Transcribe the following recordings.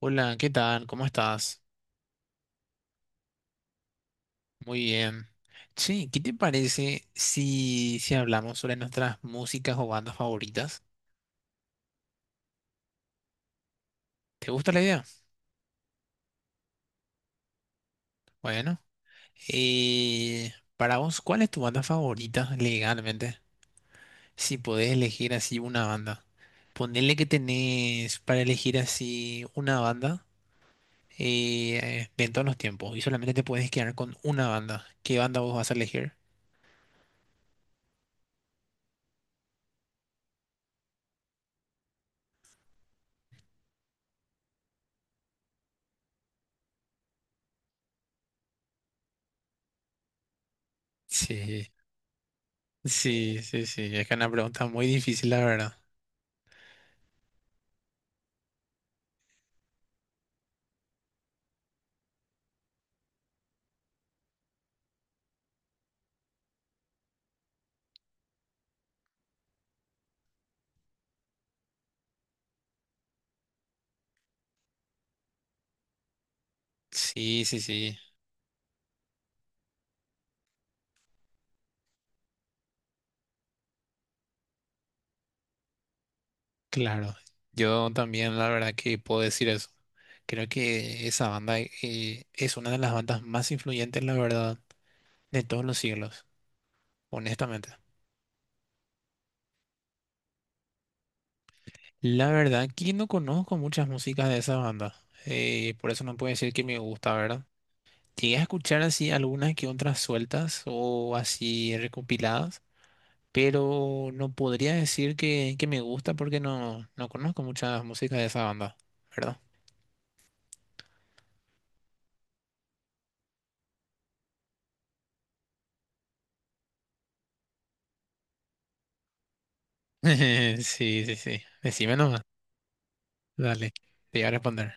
Hola, ¿qué tal? ¿Cómo estás? Muy bien. Che, ¿qué te parece si hablamos sobre nuestras músicas o bandas favoritas? ¿Te gusta la idea? Bueno, para vos, ¿cuál es tu banda favorita legalmente? Si podés elegir así una banda. Ponele que tenés para elegir así una banda de todos los tiempos y solamente te puedes quedar con una banda. ¿Qué banda vos vas a elegir? Sí, sí, sí, sí. Es que es una pregunta muy difícil, la verdad. Sí, sí, sí, claro. Yo también la verdad que puedo decir eso. Creo que esa banda es una de las bandas más influyentes, la verdad, de todos los siglos, honestamente. La verdad que no conozco muchas músicas de esa banda, por eso no puedo decir que me gusta, ¿verdad? Llegué a escuchar así algunas que otras sueltas o así recopiladas, pero no podría decir que me gusta porque no conozco muchas músicas de esa banda, ¿verdad? Sí, sí, sí. Decime nomás. Dale, te voy a responder.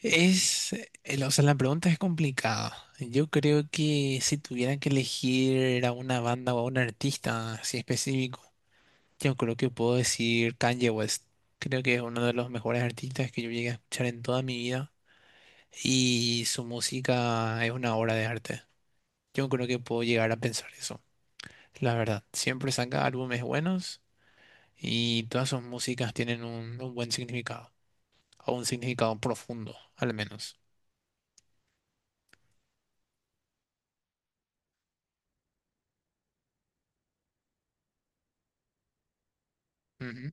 Es, o sea, la pregunta es complicada. Yo creo que si tuviera que elegir a una banda o a un artista así específico, yo creo que puedo decir Kanye West. Creo que es uno de los mejores artistas que yo llegué a escuchar en toda mi vida y su música es una obra de arte. Yo creo que puedo llegar a pensar eso. La verdad, siempre saca álbumes buenos y todas sus músicas tienen un buen significado. A un significado profundo, al menos. Ujú.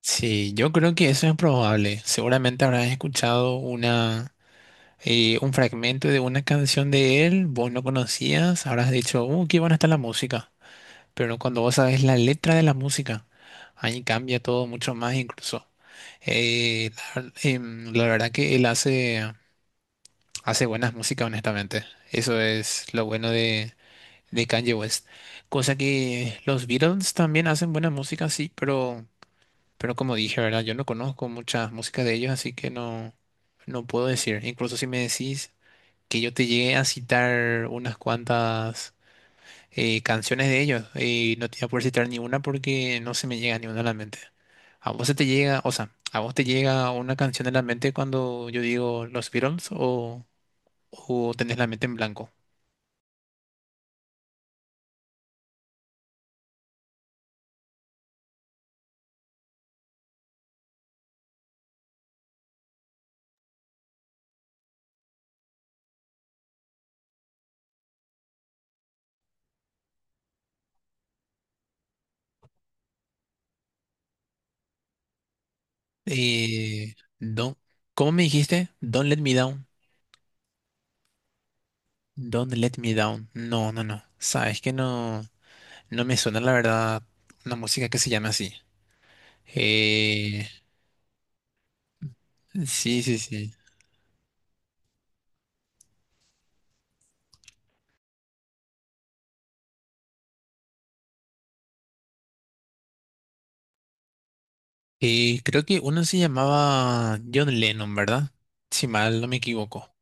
Sí, yo creo que eso es probable. Seguramente habrás escuchado una, un fragmento de una canción de él, vos no conocías, habrás dicho, qué buena está la música. Pero cuando vos sabes la letra de la música, ahí cambia todo mucho más incluso. La verdad que él hace, hace buenas músicas, honestamente. Eso es lo bueno de Kanye West. Cosa que los Beatles también hacen buena música, sí, pero como dije, ¿verdad? Yo no conozco mucha música de ellos, así que no puedo decir. Incluso si me decís que yo te llegué a citar unas cuantas canciones de ellos, no te voy a poder citar ni una porque no se me llega ni una a la mente. ¿A vos se te llega, o sea, a vos te llega una canción a la mente cuando yo digo los Beatles o tenés la mente en blanco? No. ¿Cómo me dijiste? Don't Let Me Down. Don't Let Me Down. No, no, no. Sabes que no, no me suena la verdad una música que se llama así. Eh, sí, sí, sí. Creo que uno se llamaba John Lennon, ¿verdad? Si mal no me equivoco.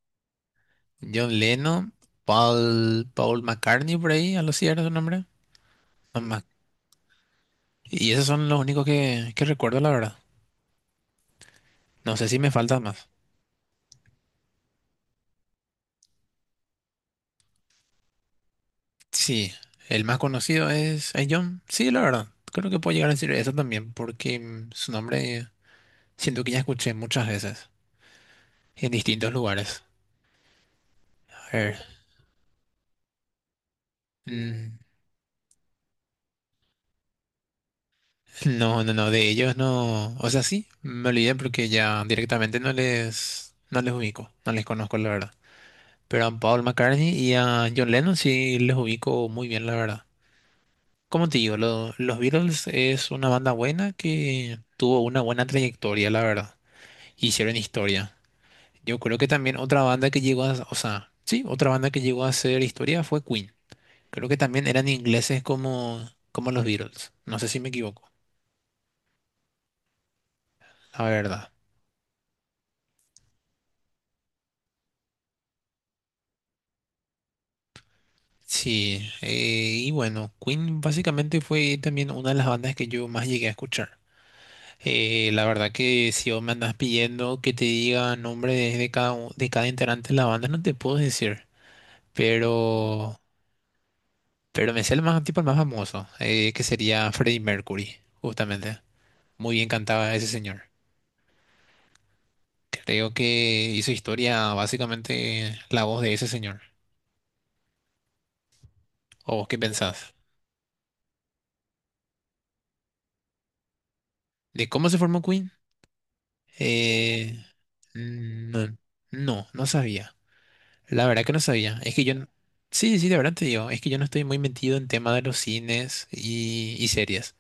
John Lennon, Paul McCartney por ahí, algo así era su nombre. No me Y esos son los únicos que recuerdo, la verdad. No sé si me faltan más. Sí, el más conocido es John. Sí, la verdad. Creo que puedo llegar a decir eso también, porque mm, su nombre. Siento que ya escuché muchas veces en distintos lugares. A ver. mm, No, no, no, de ellos no. O sea, sí, me olvidé porque ya directamente no les, no les ubico, no les conozco, la verdad. Pero a Paul McCartney y a John Lennon sí les ubico muy bien, la verdad. Como te digo, los Beatles es una banda buena que tuvo una buena trayectoria, la verdad. Hicieron historia. Yo creo que también otra banda que llegó a, o sea, sí, otra banda que llegó a hacer historia fue Queen. Creo que también eran ingleses como, como los Beatles. No sé si me equivoco, la verdad. Sí, y bueno, Queen básicamente fue también una de las bandas que yo más llegué a escuchar. La verdad que si vos me andas pidiendo que te diga nombre de cada, de cada integrante de la banda, no te puedo decir. Pero, pero me sé el más, tipo el más famoso, que sería Freddie Mercury, justamente. Muy bien cantaba ese señor. Creo que hizo historia básicamente la voz de ese señor. ¿O qué pensás? ¿De cómo se formó Queen? Eh, no, no, no sabía. La verdad que no sabía. Es que yo... sí, sí, de verdad te digo. Es que yo no estoy muy metido en tema de los cines y series.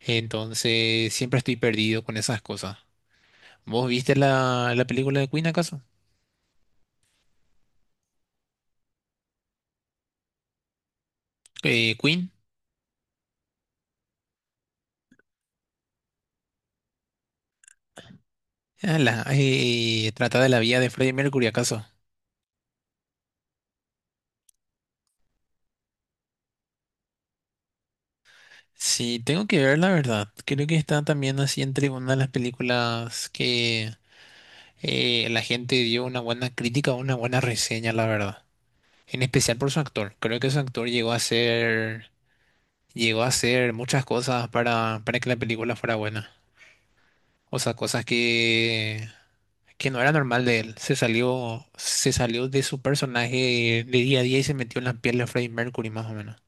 Entonces, siempre estoy perdido con esas cosas. ¿Vos viste la, la película de Queen acaso? Queen. Ah, trata de la vida de Freddie Mercury acaso. Sí, tengo que ver la verdad. Creo que está también así entre una de las películas que la gente dio una buena crítica, una buena reseña, la verdad. En especial por su actor. Creo que su actor llegó a hacer muchas cosas para que la película fuera buena. O sea, cosas que no era normal de él. Se salió de su personaje de día a día y se metió en la piel de Freddie Mercury, más o menos.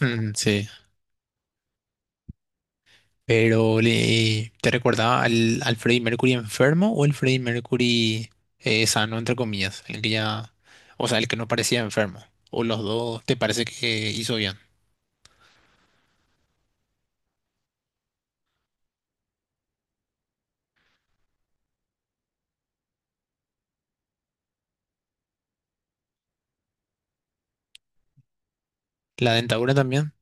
Mm, sí, pero le, ¿te recordaba al, al Freddie Mercury enfermo o el Freddie Mercury sano, entre comillas? El que ya, o sea, el que no parecía enfermo. ¿O los dos te parece que hizo bien? La dentadura también.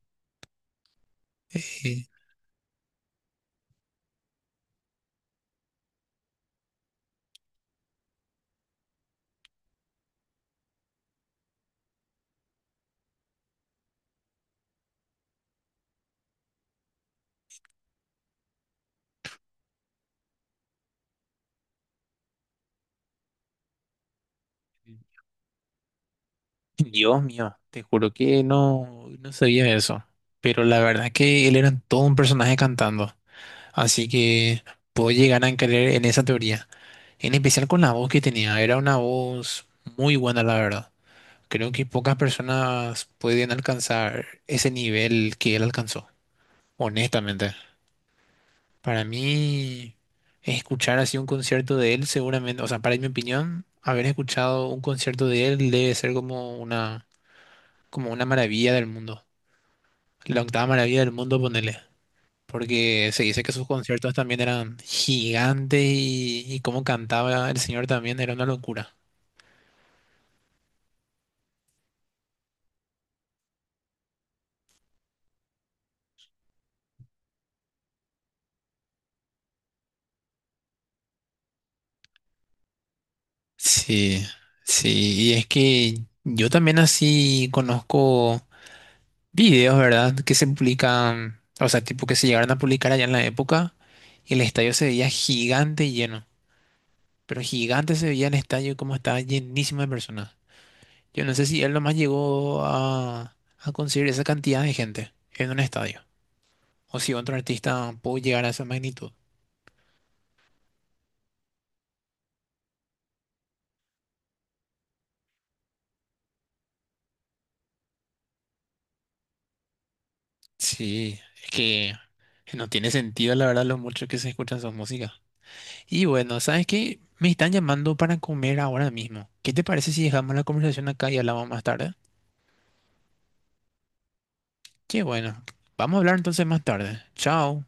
Eh, Dios mío, te juro que no, no sabía eso. Pero la verdad es que él era todo un personaje cantando. Así que puedo llegar a creer en esa teoría. En especial con la voz que tenía. Era una voz muy buena, la verdad. Creo que pocas personas pueden alcanzar ese nivel que él alcanzó, honestamente. Para mí, escuchar así un concierto de él seguramente, o sea, para mi opinión, haber escuchado un concierto de él debe ser como una maravilla del mundo. La octava maravilla del mundo, ponele. Porque se dice que sus conciertos también eran gigantes y cómo cantaba el señor también era una locura. Sí, sí, y es que yo también así conozco videos, ¿verdad? Que se publican, o sea, tipo que se llegaron a publicar allá en la época y el estadio se veía gigante y lleno, pero gigante se veía el estadio como estaba llenísimo de personas. Yo no sé si él nomás llegó a conseguir esa cantidad de gente en un estadio o si otro artista pudo llegar a esa magnitud. Sí, es que no tiene sentido, la verdad, lo mucho que se escuchan sus músicas. Y bueno, ¿sabes qué? Me están llamando para comer ahora mismo. ¿Qué te parece si dejamos la conversación acá y hablamos más tarde? Qué bueno. Vamos a hablar entonces más tarde. Chao.